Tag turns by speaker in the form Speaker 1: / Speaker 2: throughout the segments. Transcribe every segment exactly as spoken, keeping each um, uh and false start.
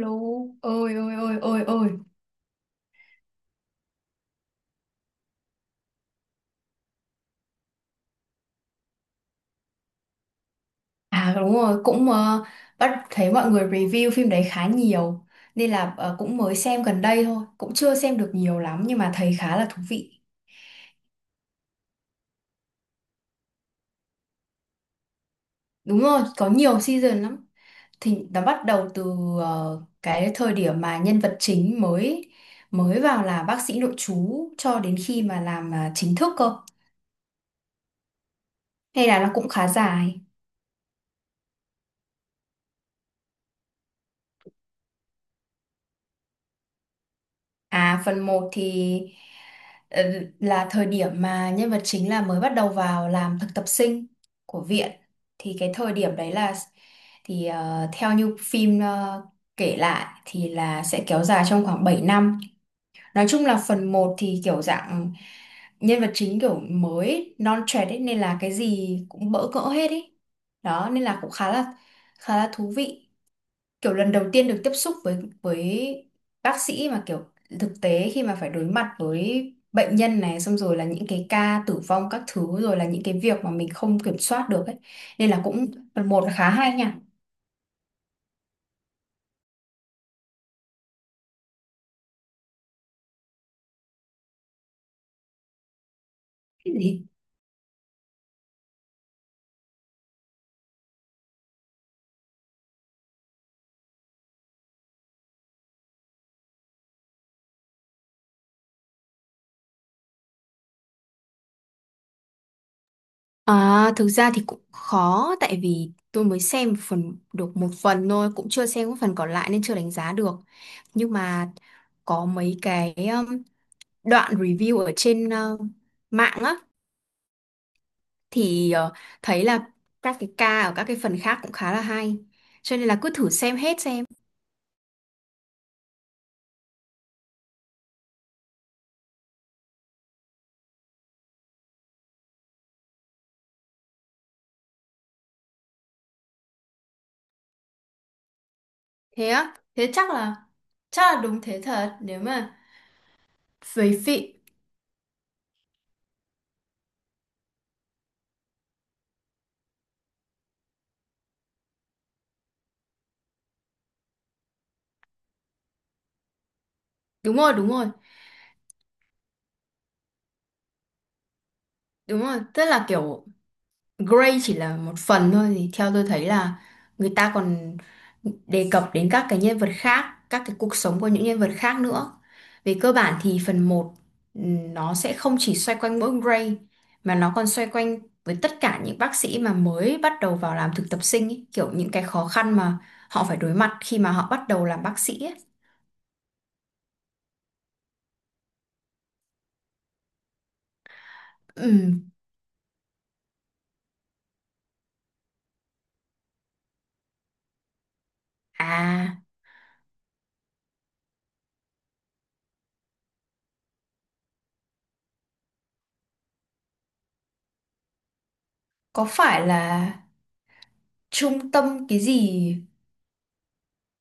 Speaker 1: Lô. Ôi ôi ôi ôi ôi. À, đúng rồi, cũng ờ, bắt thấy mọi người review phim đấy khá nhiều nên là ờ, cũng mới xem gần đây thôi, cũng chưa xem được nhiều lắm nhưng mà thấy khá là thú vị. Đúng rồi, có nhiều season lắm. Thì nó bắt đầu từ ờ, cái thời điểm mà nhân vật chính mới mới vào là bác sĩ nội trú cho đến khi mà làm ờ, chính thức cơ. Hay là nó cũng khá dài. À, phần một thì ờ, là thời điểm mà nhân vật chính là mới bắt đầu vào làm thực tập sinh của viện. Thì cái thời điểm đấy là, thì ờ, theo như phim ờ, kể lại thì là sẽ kéo dài trong khoảng bảy năm. Nói chung là phần một thì kiểu dạng nhân vật chính kiểu mới non trẻ ấy nên là cái gì cũng bỡ ngỡ hết ý. Đó nên là cũng khá là khá là thú vị, kiểu lần đầu tiên được tiếp xúc với với bác sĩ mà kiểu thực tế, khi mà phải đối mặt với bệnh nhân này, xong rồi là những cái ca tử vong các thứ, rồi là những cái việc mà mình không kiểm soát được ấy, nên là cũng phần một là khá hay nha. Cái gì? À, thực ra thì cũng khó, tại vì tôi mới xem một phần được một phần thôi, cũng chưa xem cái phần còn lại nên chưa đánh giá được. Nhưng mà có mấy cái um, đoạn review ở trên uh, mạng á. Thì ờ, thấy là các cái ca ở các cái phần khác cũng khá là hay, cho nên là cứ thử xem hết xem. Thế á? Thế chắc là chắc là đúng thế thật, nếu mà về phị đúng rồi, đúng rồi, đúng rồi. Tức là kiểu Grey chỉ là một phần thôi, thì theo tôi thấy là người ta còn đề cập đến các cái nhân vật khác, các cái cuộc sống của những nhân vật khác nữa. Về cơ bản thì phần một, ừ, nó sẽ không chỉ xoay quanh mỗi Grey mà nó còn xoay quanh với tất cả những bác sĩ mà mới bắt đầu vào làm thực tập sinh ý, kiểu những cái khó khăn mà họ phải đối mặt khi mà họ bắt đầu làm bác sĩ ấy. Ừm. À, có phải là trung tâm cái gì,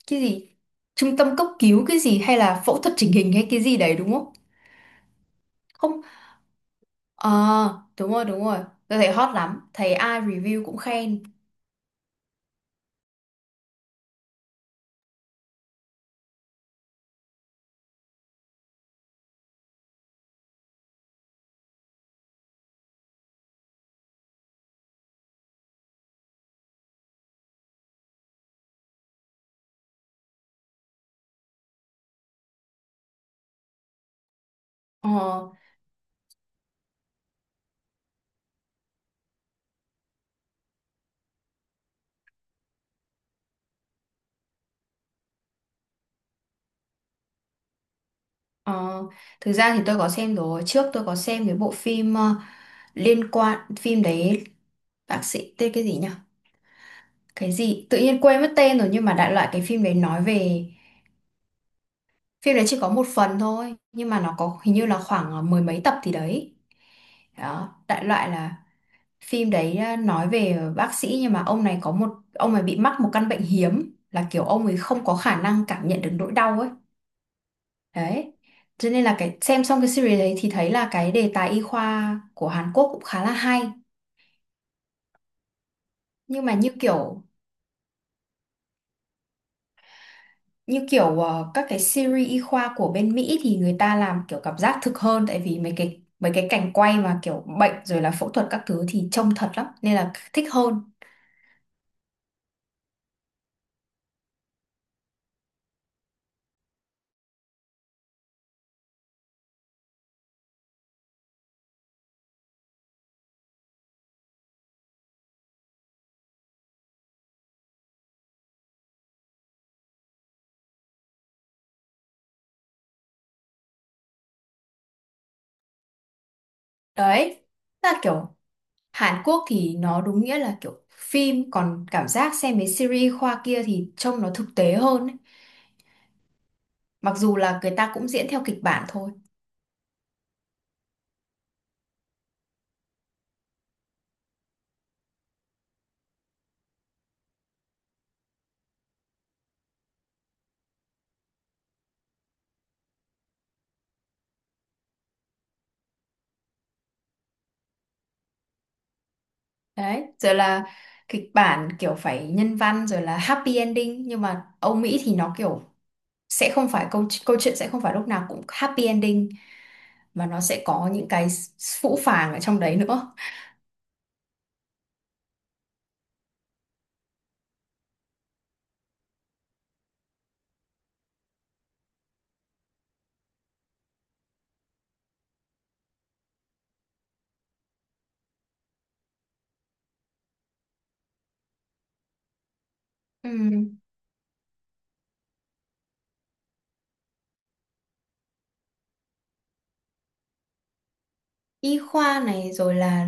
Speaker 1: cái gì trung tâm cấp cứu cái gì, hay là phẫu thuật chỉnh hình hay cái gì đấy đúng không? Không, ờ đúng rồi, đúng rồi. Tôi thấy hot lắm, thấy ai review cũng khen. ờ ờ Thực ra thì tôi có xem rồi, trước tôi có xem cái bộ phim ờ, liên quan phim đấy. Bác sĩ tên cái gì nhỉ? Cái gì tự nhiên quên mất tên rồi, nhưng mà đại loại cái phim đấy nói về, phim đấy chỉ có một phần thôi nhưng mà nó có hình như là khoảng ờ, mười mấy tập thì đấy. Đó đại loại là phim đấy à, nói về bác sĩ, nhưng mà ông này có, một ông này bị mắc một căn bệnh hiếm là kiểu ông ấy không có khả năng cảm nhận được nỗi đau ấy. Đấy, cho nên là cái xem xong cái series đấy thì thấy là cái đề tài y khoa của Hàn Quốc cũng khá là hay. Nhưng mà như kiểu như kiểu ờ, các cái series y khoa của bên Mỹ thì người ta làm kiểu cảm giác thực hơn, tại vì mấy cái mấy cái cảnh quay mà kiểu bệnh rồi là phẫu thuật các thứ thì trông thật lắm nên là thích hơn. Đấy, là kiểu Hàn Quốc thì nó đúng nghĩa là kiểu phim, còn cảm giác xem mấy series khoa kia thì trông nó thực tế hơn ấy. Mặc dù là người ta cũng diễn theo kịch bản thôi. Đấy, rồi là kịch bản kiểu phải nhân văn rồi là happy ending, nhưng mà Âu Mỹ thì nó kiểu sẽ không phải câu câu chuyện, sẽ không phải lúc nào cũng happy ending mà nó sẽ có những cái phũ phàng ở trong đấy nữa. Ừm, y khoa này rồi là,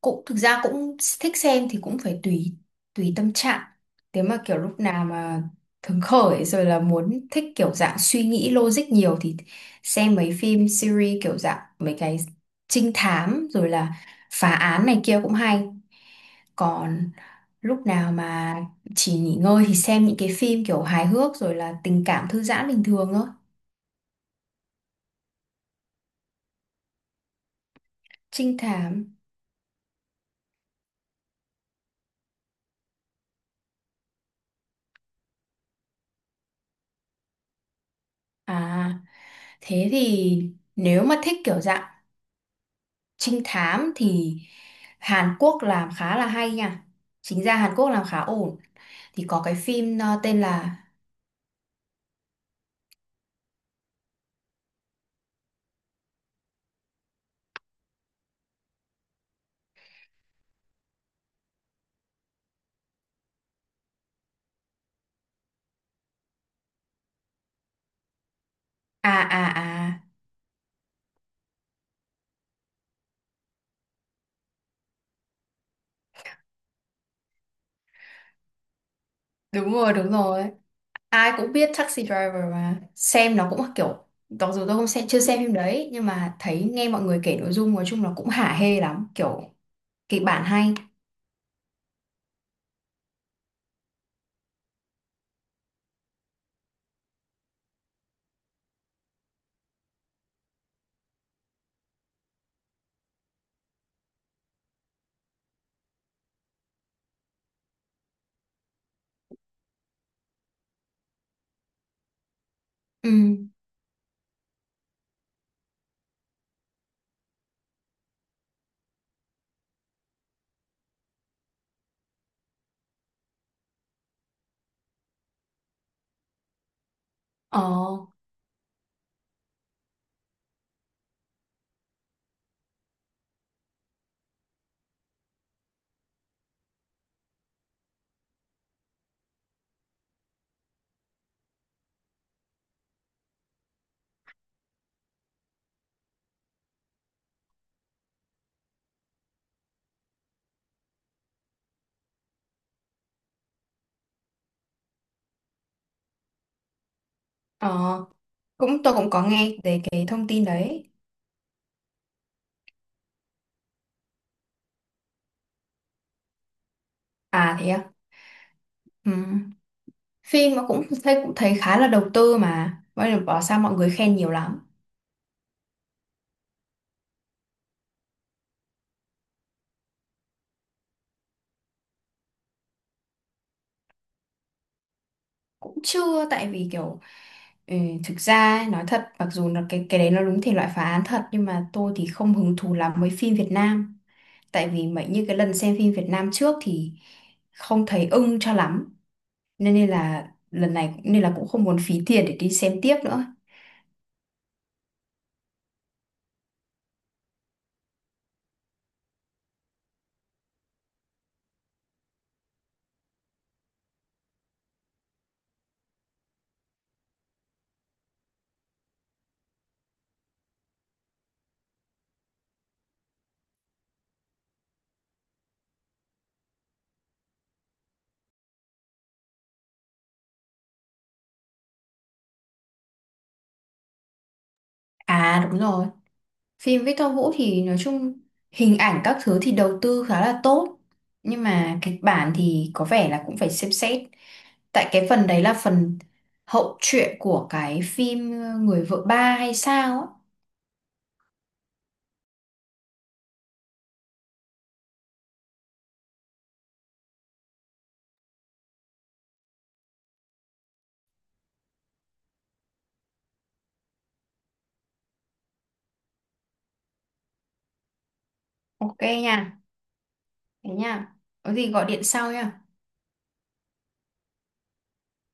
Speaker 1: cũng thực ra cũng thích xem, thì cũng phải tùy tùy tâm trạng. Nếu mà kiểu lúc nào mà hứng khởi rồi là muốn thích kiểu dạng suy nghĩ logic nhiều thì xem mấy phim series kiểu dạng mấy cái trinh thám rồi là phá án này kia cũng hay. Còn lúc nào mà chỉ nghỉ ngơi thì xem những cái phim kiểu hài hước rồi là tình cảm thư giãn bình thường thôi. Trinh thám à? Thế thì nếu mà thích kiểu dạng trinh thám thì Hàn Quốc làm khá là hay nha, chính ra Hàn Quốc làm khá ổn. Thì có cái phim ờ, tên là à à à, đúng rồi, đúng rồi. Ai cũng biết Taxi Driver mà, xem nó cũng kiểu, mặc dù tôi không xem, chưa xem phim đấy, nhưng mà thấy nghe mọi người kể nội dung nói chung là cũng hả hê lắm, kiểu kịch bản hay. Ừ. ờ ờ Cũng tôi cũng có nghe về cái thông tin đấy. À thế à. Ừ, phim mà cũng thấy, cũng thấy khá là đầu tư mà, vậy là bảo sao mọi người khen nhiều lắm. Cũng chưa, tại vì kiểu, ừ, thực ra ấy, nói thật mặc dù là cái cái đấy nó đúng thể loại phá án thật nhưng mà tôi thì không hứng thú lắm với phim Việt Nam. Tại vì mấy như cái lần xem phim Việt Nam trước thì không thấy ưng cho lắm, nên, nên là lần này nên là cũng không muốn phí tiền để đi xem tiếp nữa. À đúng rồi. Phim với Tom Vũ thì nói chung hình ảnh các thứ thì đầu tư khá là tốt, nhưng mà kịch bản thì có vẻ là cũng phải xem xét. Tại cái phần đấy là phần hậu truyện của cái phim Người vợ ba hay sao á. Ok nha. Thế nha. Có gì gọi điện sau nha.